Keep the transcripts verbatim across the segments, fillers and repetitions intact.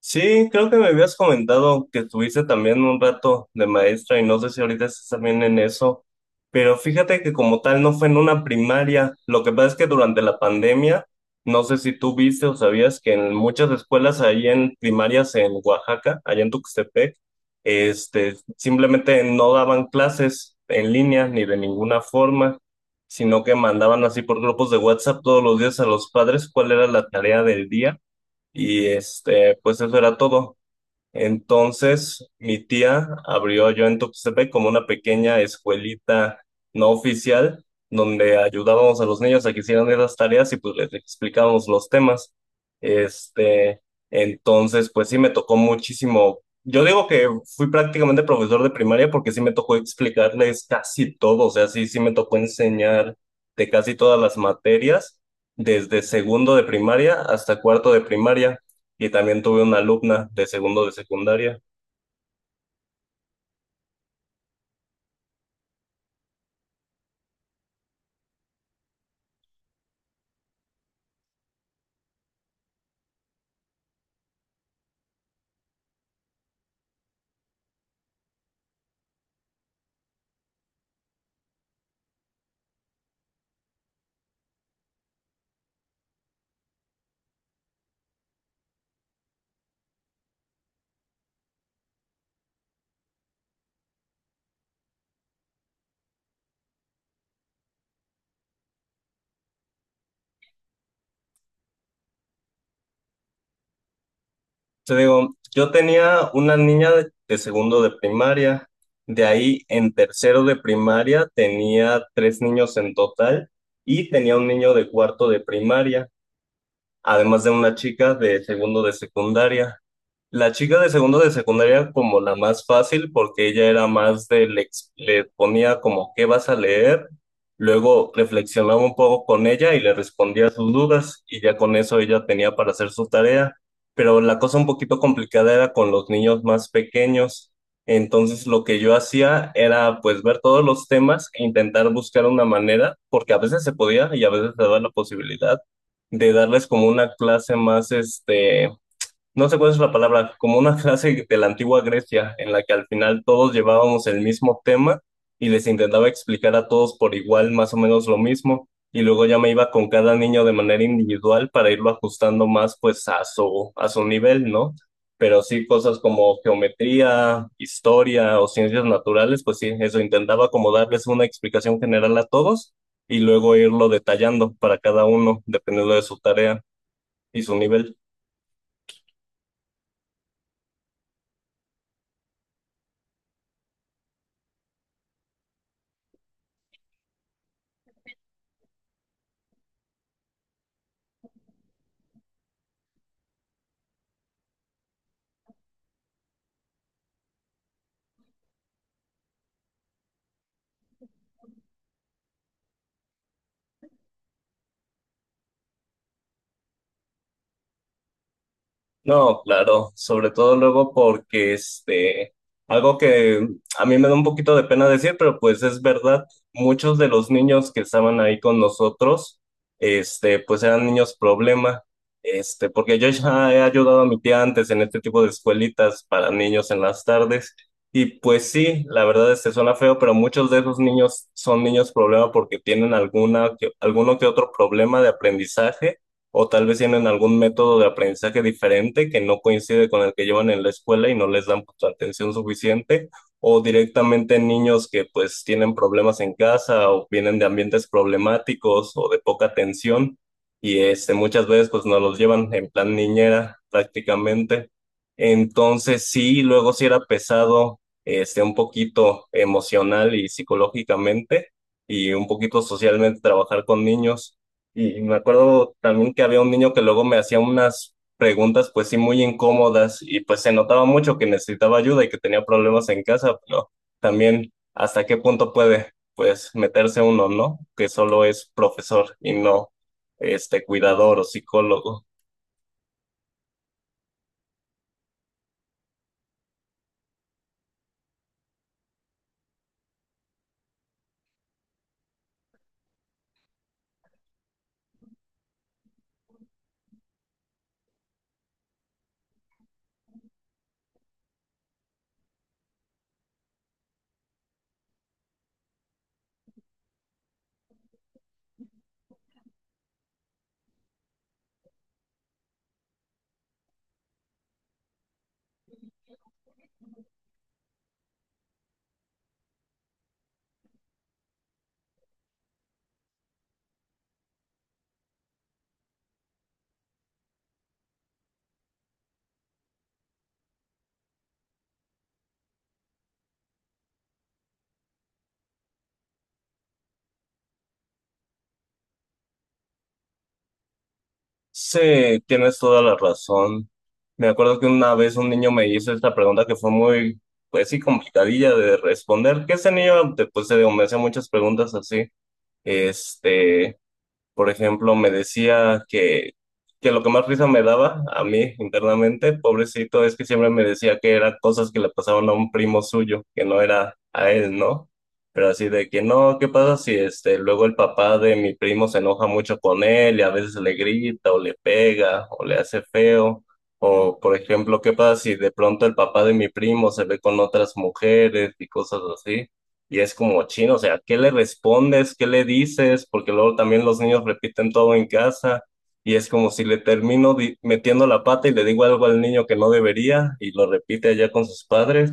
Sí, creo que me habías comentado que estuviste también un rato de maestra y no sé si ahorita estás también en eso, pero fíjate que como tal no fue en una primaria, lo que pasa es que durante la pandemia, no sé si tú viste o sabías que en muchas escuelas ahí en primarias en Oaxaca, allá en Tuxtepec, este, simplemente no daban clases en línea ni de ninguna forma, sino que mandaban así por grupos de WhatsApp todos los días a los padres cuál era la tarea del día y este, pues eso era todo. Entonces, mi tía abrió yo en Tuxtepec como una pequeña escuelita no oficial, donde ayudábamos a los niños a que hicieran esas tareas y pues les explicábamos los temas. Este, entonces, pues sí me tocó muchísimo. Yo digo que fui prácticamente profesor de primaria porque sí me tocó explicarles casi todo, o sea, sí, sí me tocó enseñar de casi todas las materias, desde segundo de primaria hasta cuarto de primaria y también tuve una alumna de segundo de secundaria. Te digo, yo tenía una niña de, de segundo de primaria, de ahí en tercero de primaria tenía tres niños en total y tenía un niño de cuarto de primaria, además de una chica de segundo de secundaria. La chica de segundo de secundaria como la más fácil porque ella era más de le, ex- le ponía como qué vas a leer, luego reflexionaba un poco con ella y le respondía sus dudas y ya con eso ella tenía para hacer su tarea. Pero la cosa un poquito complicada era con los niños más pequeños. Entonces lo que yo hacía era pues ver todos los temas e intentar buscar una manera, porque a veces se podía y a veces se daba la posibilidad de darles como una clase más, este, no sé cuál es la palabra, como una clase de la antigua Grecia en la que al final todos llevábamos el mismo tema y les intentaba explicar a todos por igual más o menos lo mismo y luego ya me iba con cada niño de manera individual para irlo ajustando más pues a su, a su nivel, ¿no? Pero sí cosas como geometría, historia o ciencias naturales, pues sí, eso intentaba como darles una explicación general a todos y luego irlo detallando para cada uno dependiendo de su tarea y su nivel. No, claro, sobre todo luego porque este, algo que a mí me da un poquito de pena decir, pero pues es verdad, muchos de los niños que estaban ahí con nosotros, este, pues eran niños problema, este, porque yo ya he ayudado a mi tía antes en este tipo de escuelitas para niños en las tardes, y pues sí, la verdad es que suena feo, pero muchos de esos niños son niños problema porque tienen alguna, que- alguno que otro problema de aprendizaje o tal vez tienen algún método de aprendizaje diferente que no coincide con el que llevan en la escuela y no les dan, pues, atención suficiente, o directamente niños que pues tienen problemas en casa o vienen de ambientes problemáticos o de poca atención y este, muchas veces pues nos los llevan en plan niñera prácticamente. Entonces sí, luego sí era pesado, este, un poquito emocional y psicológicamente y un poquito socialmente trabajar con niños. Y me acuerdo también que había un niño que luego me hacía unas preguntas, pues sí, muy incómodas, y pues se notaba mucho que necesitaba ayuda y que tenía problemas en casa, pero también hasta qué punto puede, pues, meterse uno, ¿no? Que solo es profesor y no, este, cuidador o psicólogo. Sí, tienes toda la razón. Me acuerdo que una vez un niño me hizo esta pregunta que fue muy, pues sí, complicadilla de responder, que ese niño, de- pues, se me hacía muchas preguntas así. Este, Por ejemplo, me decía que, que lo que más risa me daba a mí internamente, pobrecito, es que siempre me decía que eran cosas que le pasaban a un primo suyo, que no era a él, ¿no? Pero así de que no, ¿qué pasa si este, luego el papá de mi primo se enoja mucho con él y a veces le grita o le pega o le hace feo? O, por ejemplo, ¿qué pasa si de pronto el papá de mi primo se ve con otras mujeres y cosas así? Y es como chino, o sea, ¿qué le respondes? ¿Qué le dices? Porque luego también los niños repiten todo en casa y es como si le termino di- metiendo la pata y le digo algo al niño que no debería y lo repite allá con sus padres.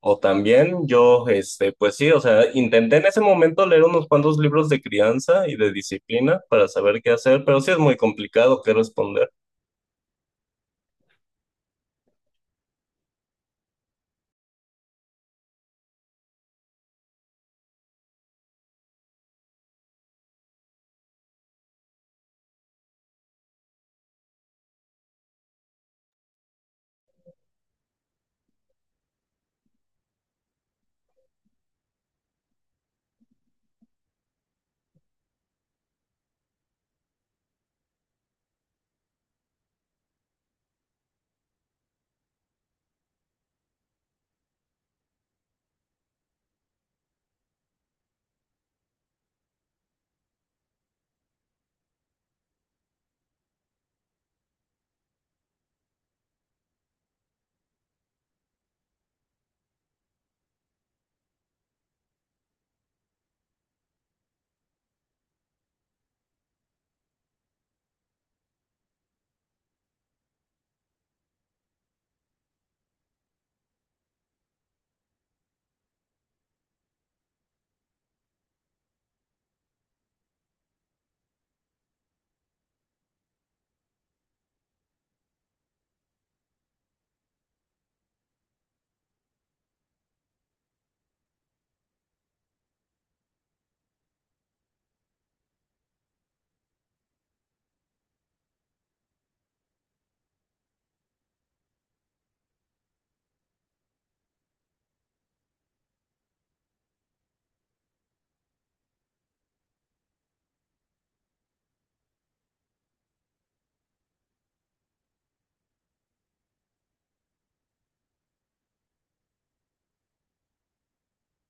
O también yo, este, pues sí, o sea, intenté en ese momento leer unos cuantos libros de crianza y de disciplina para saber qué hacer, pero sí es muy complicado qué responder.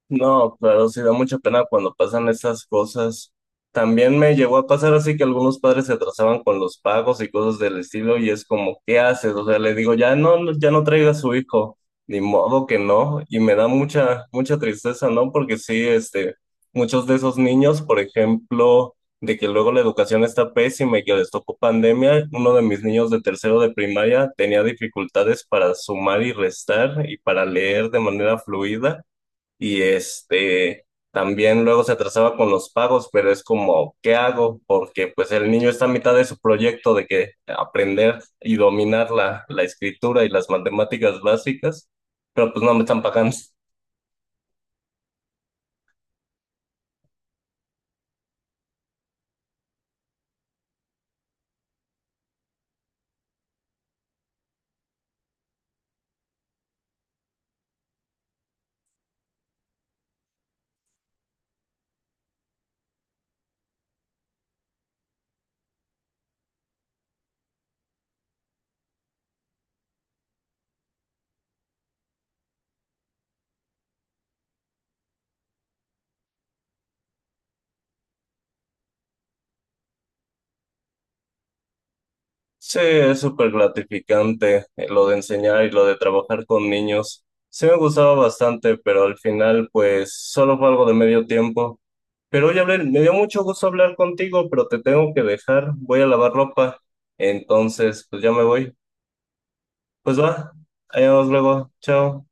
No, claro, sí da mucha pena cuando pasan esas cosas. También me llegó a pasar así que algunos padres se atrasaban con los pagos y cosas del estilo y es como, ¿qué haces? O sea, le digo, ya no, no- ya no traiga a su hijo, ni modo que no. Y me da mucha, mucha tristeza, ¿no? Porque sí, este, muchos de esos niños, por ejemplo, de que luego la educación está pésima y que les tocó pandemia, uno de mis niños de tercero de primaria tenía dificultades para sumar y restar y para leer de manera fluida y este también luego se atrasaba con los pagos, pero es como, ¿qué hago? Porque pues el niño está a mitad de su proyecto de que aprender y dominar la, la escritura y las matemáticas básicas, pero pues no me están pagando. Sí, es súper gratificante, eh, lo de enseñar y lo de trabajar con niños. Sí me gustaba bastante, pero al final pues solo fue algo de medio tiempo. Pero oye, Abel, me dio mucho gusto hablar contigo, pero te tengo que dejar. Voy a lavar ropa. Entonces, pues ya me voy. Pues va, allá nos vemos luego. Chao.